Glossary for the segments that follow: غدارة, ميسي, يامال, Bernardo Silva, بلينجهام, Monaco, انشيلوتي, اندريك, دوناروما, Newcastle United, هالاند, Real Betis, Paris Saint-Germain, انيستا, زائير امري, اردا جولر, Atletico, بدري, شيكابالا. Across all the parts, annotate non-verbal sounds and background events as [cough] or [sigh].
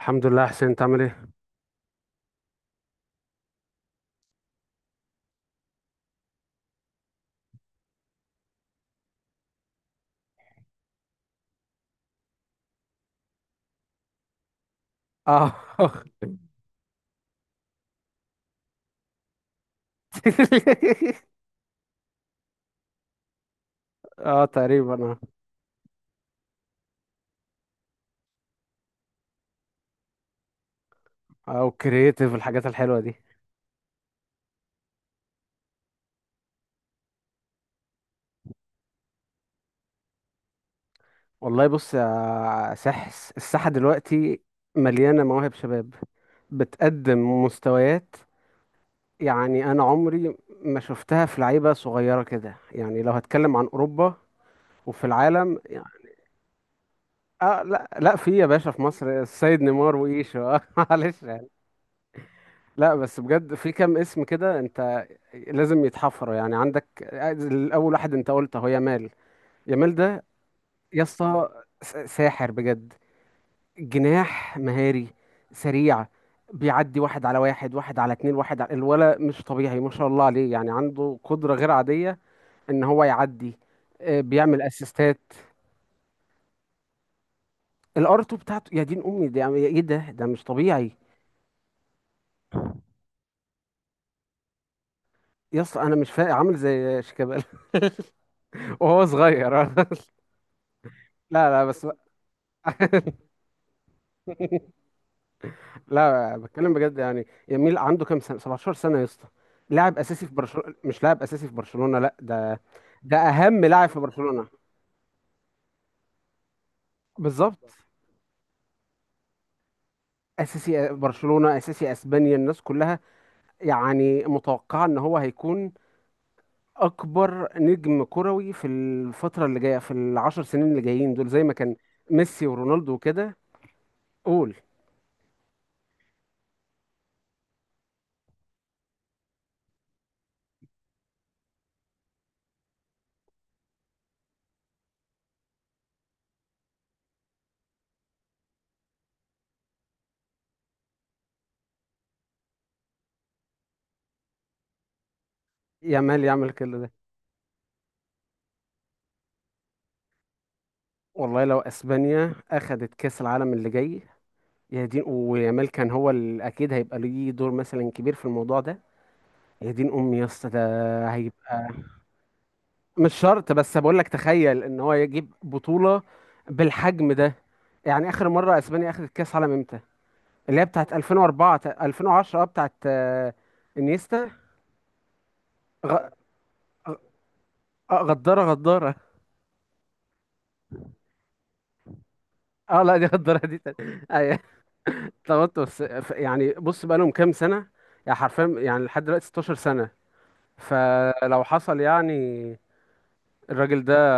الحمد لله حسين، انت عامل ايه؟ اه. [laughs] اه تقريبا. اه، او كرييتيف الحاجات الحلوه دي. والله بص يا سحس، الساحه دلوقتي مليانه مواهب شباب بتقدم مستويات. يعني انا عمري ما شفتها في لعيبه صغيره كده، يعني لو هتكلم عن اوروبا وفي العالم يعني. اه لا في يا باشا، في مصر السيد نيمار وايشو. [laughs] اه معلش. لا بس بجد في كام اسم كده انت لازم يتحفروا. يعني عندك الاول، واحد انت قلت اهو، يامال. يامال ده يا اسطى ساحر بجد، جناح مهاري سريع، بيعدي واحد على واحد، واحد على اتنين، واحد على الولا. مش طبيعي ما شاء الله عليه، يعني عنده قدرة غير عادية ان هو يعدي. بيعمل اسيستات. الار 2 بتاعته، يا دين امي ده ايه ده، ده مش طبيعي. يا اسطى انا مش فاهم، عامل زي شيكابالا [laughs] وهو صغير. [laughs] لا بس [laughs] لا، بتكلم بجد، يعني يميل عنده كام سنه، 17 سنه يا اسطى، لاعب اساسي في برشلونه. مش لاعب اساسي في برشلونه، لا ده، ده اهم لاعب في برشلونه. بالظبط، اساسي برشلونه، اساسي اسبانيا، الناس كلها يعني متوقعه ان هو هيكون اكبر نجم كروي في الفتره اللي جايه، في العشر سنين اللي جايين دول، زي ما كان ميسي ورونالدو وكده. قول. يامال يعمل كل ده. والله لو اسبانيا اخذت كاس العالم اللي جاي، يا دين، ويامال كان هو اكيد هيبقى ليه دور مثلا كبير في الموضوع ده، يا دين امي يا اسطى ده هيبقى. مش شرط، بس بقول لك تخيل ان هو يجيب بطولة بالحجم ده. يعني اخر مرة اسبانيا اخذت كاس عالم امتى؟ اللي هي بتاعت 2010، اه بتاعت انيستا. غ- غدارة غدارة. اه لا دي غدارة دي تاني. ايوه اتلخبطت. بس يعني بص بقى، لهم كام سنة؟ يعني حرفيا يعني لحد دلوقتي 16 سنة. فلو حصل يعني، الراجل ده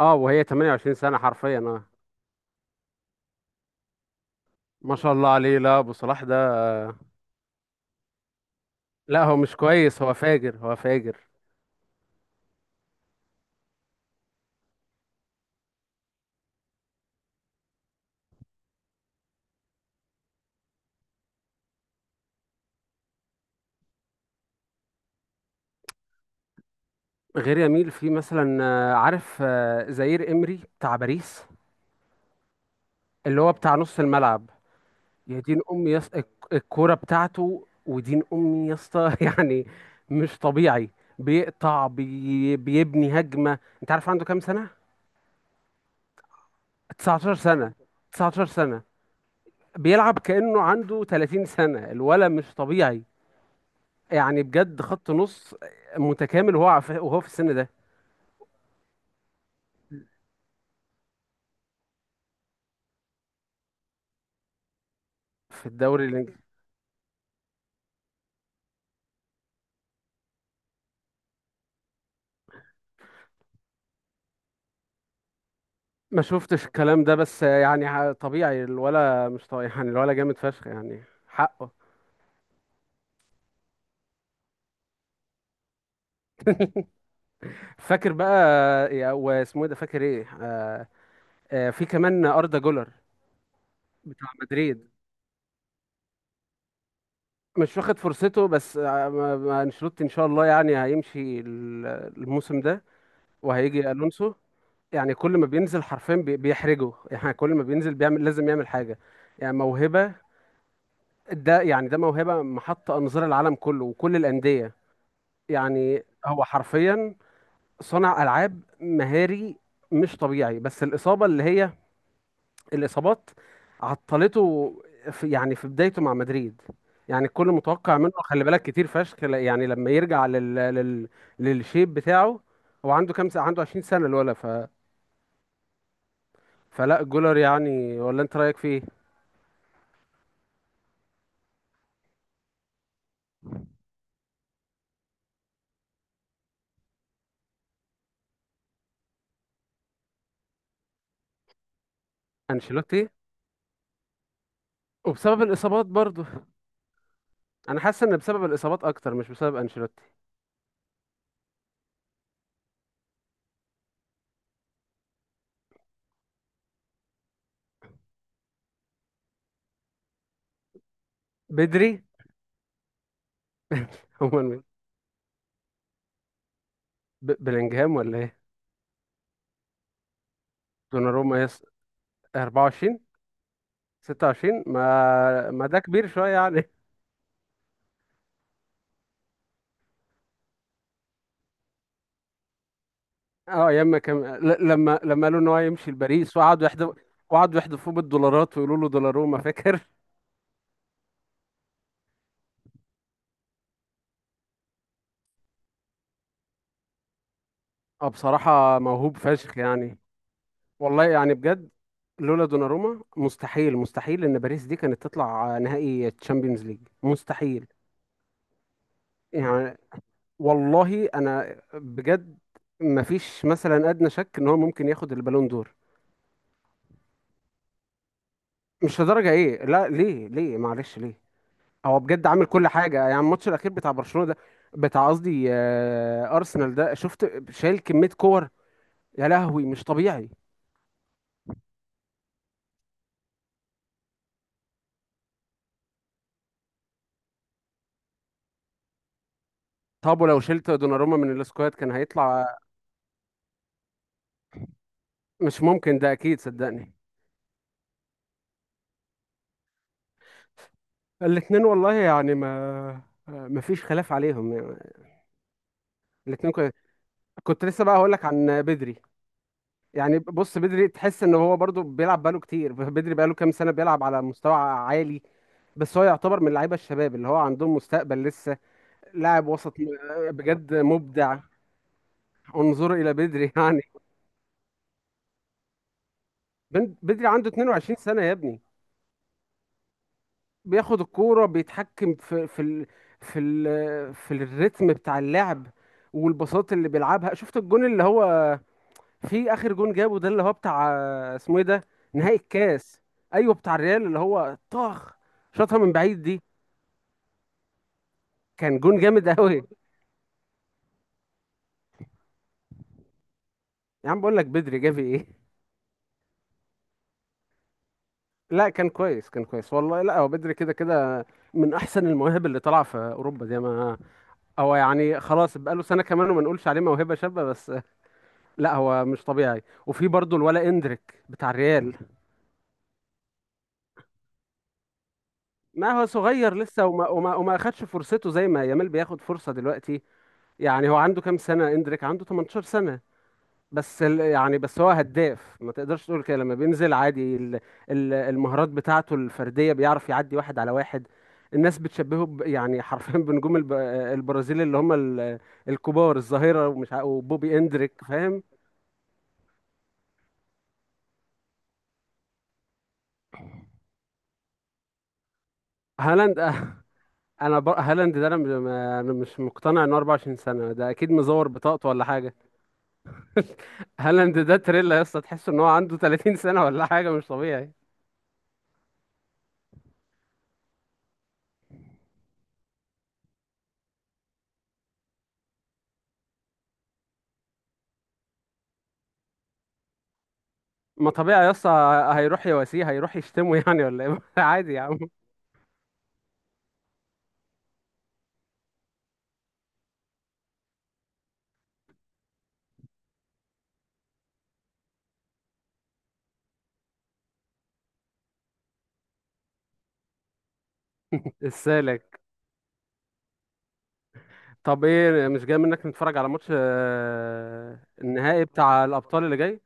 اه، وهي 28 سنة حرفيا اه. ما شاء الله عليه. لا ابو صلاح ده، لا هو مش كويس، هو فاجر، هو فاجر. غير يميل، في مثلا عارف، زائير امري بتاع باريس اللي هو بتاع نص الملعب. يا دين امي الكوره بتاعته ودين امي يا اسطى، [laughs] يعني مش طبيعي. بيقطع، بيبني هجمه. انت عارف عنده كام سنه؟ 19 سنه، 19 سنه. بيلعب كانه عنده 30 سنه، الولد مش طبيعي. يعني بجد خط نص متكامل، وهو في السن ده. في الدوري الانجليزي، ما شفتش الكلام ده، بس يعني طبيعي الولا. مش طبيعي يعني، الولا جامد فشخ يعني، حقه. فاكر بقى، واسمه إيه ده، فاكر ايه آه في كمان اردا جولر بتاع مدريد. مش واخد فرصته، بس آه ما انشيلوتي ان شاء الله يعني هيمشي الموسم ده، وهيجي الونسو. يعني كل ما بينزل حرفيا بيحرجه، يعني كل ما بينزل بيعمل، لازم يعمل حاجة. يعني موهبة ده، يعني ده موهبة محط أنظار العالم كله وكل الأندية. يعني هو حرفيا صانع ألعاب مهاري مش طبيعي. بس الإصابة اللي هي، الإصابات عطلته في، يعني في بدايته مع مدريد. يعني الكل متوقع منه، خلي بالك كتير فشخ يعني لما يرجع للشيب بتاعه. هو عنده كام سنة؟ عنده 20 سنة الولا فلا جولر، يعني ولا، أنت رأيك فيه؟ أنشيلوتي. وبسبب الإصابات برضه، أنا حاسس إن بسبب الإصابات أكتر مش بسبب أنشيلوتي. بدري. هو مين؟ بلينجهام ولا ايه؟ دوناروما. يس. 24. 26، ما ما ده كبير شويه يعني. [laughs] اه ياما كان لما قالوا ان هو يمشي لباريس، وقعدوا يحدفوا، وقعدوا يحدفوه بالدولارات، ويقولوا له دوناروما، فاكر؟ [laughs] اه بصراحه موهوب فشخ يعني. والله يعني بجد لولا دوناروما، مستحيل، مستحيل ان باريس دي كانت تطلع نهائي تشامبيونز ليج، مستحيل. يعني والله انا بجد ما فيش مثلا ادنى شك ان هو ممكن ياخد البالون دور. مش لدرجة ايه، لا ليه؟ ليه معلش ليه؟ هو بجد عامل كل حاجة، يعني الماتش الأخير بتاع برشلونة ده، بتاع قصدي أرسنال ده، شفت شايل كمية كور؟ يا لهوي مش طبيعي. طب ولو شلت دوناروما من السكواد، كان هيطلع؟ مش ممكن، ده أكيد صدقني. الاتنين والله يعني ما ما فيش خلاف عليهم يعني. الاتنين كنت لسه بقى هقول لك عن بدري. يعني بص، بدري تحس ان هو برضو بيلعب بقاله كتير. [laughs] بدري بقاله كام سنة بيلعب على مستوى عالي. بس هو يعتبر من لعيبه الشباب اللي هو عندهم مستقبل لسه. لاعب وسط بجد مبدع. انظر الى بدري، [laughs] يعني بدري عنده 22 سنه يا ابني. بياخد الكوره، بيتحكم في، في ال في الريتم بتاع اللعب والبساط اللي بيلعبها. شفت الجون اللي هو في اخر جون جابه ده، اللي هو بتاع، اسمه ايه ده، نهائي الكاس؟ ايوه بتاع الريال، اللي هو طخ شاطها من بعيد دي، كان جون جامد قوي. يا عم بقول لك بدري، جافي ايه؟ لا كان كويس، كان كويس والله. لا هو بدري كده كده من احسن المواهب اللي طالعه في اوروبا دي، ما هو يعني خلاص بقاله سنه كمان وما نقولش عليه موهبه شابه بس. لا هو مش طبيعي. وفي برضه الولا اندريك بتاع الريال، ما هو صغير لسه، وما اخدش فرصته زي ما يامال بياخد فرصه دلوقتي. يعني هو عنده كام سنه؟ اندريك عنده 18 سنه. بس يعني بس هو هداف، ما تقدرش تقول كده. لما بينزل عادي، المهارات بتاعته الفردية، بيعرف يعدي واحد على واحد. الناس بتشبهه يعني [laughs] حرفيا بنجوم البرازيل، اللي هم الكبار، الظاهرة ومش وبوبي اندريك، فاهم. هالاند. [laughs] انا هالاند ده انا انا مش مقتنع انه 24 سنة، ده اكيد مزور بطاقته ولا حاجة. هالاند ده تريلا يا اسطى، تحس ان هو عنده 30 سنة ولا حاجة، مش طبيعي. ما طبيعي يا اسطى، هيروح يواسيه، هيروح يشتمه يعني ولا ايه؟ [laughs] عادي يا عم. السالك. طب ايه، مش جاي منك نتفرج على ماتش النهائي بتاع الابطال اللي جاي؟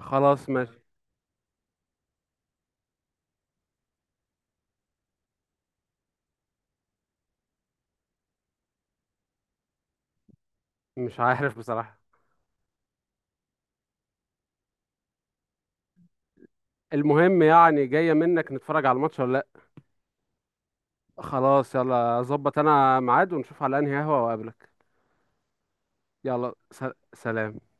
خلاص ماشي. مش عارف بصراحة. المهم يعني، جاية منك نتفرج على الماتش ولا لا؟ خلاص يلا، ظبط انا ميعاد ونشوف على انهي قهوة واقابلك. يلا سلام.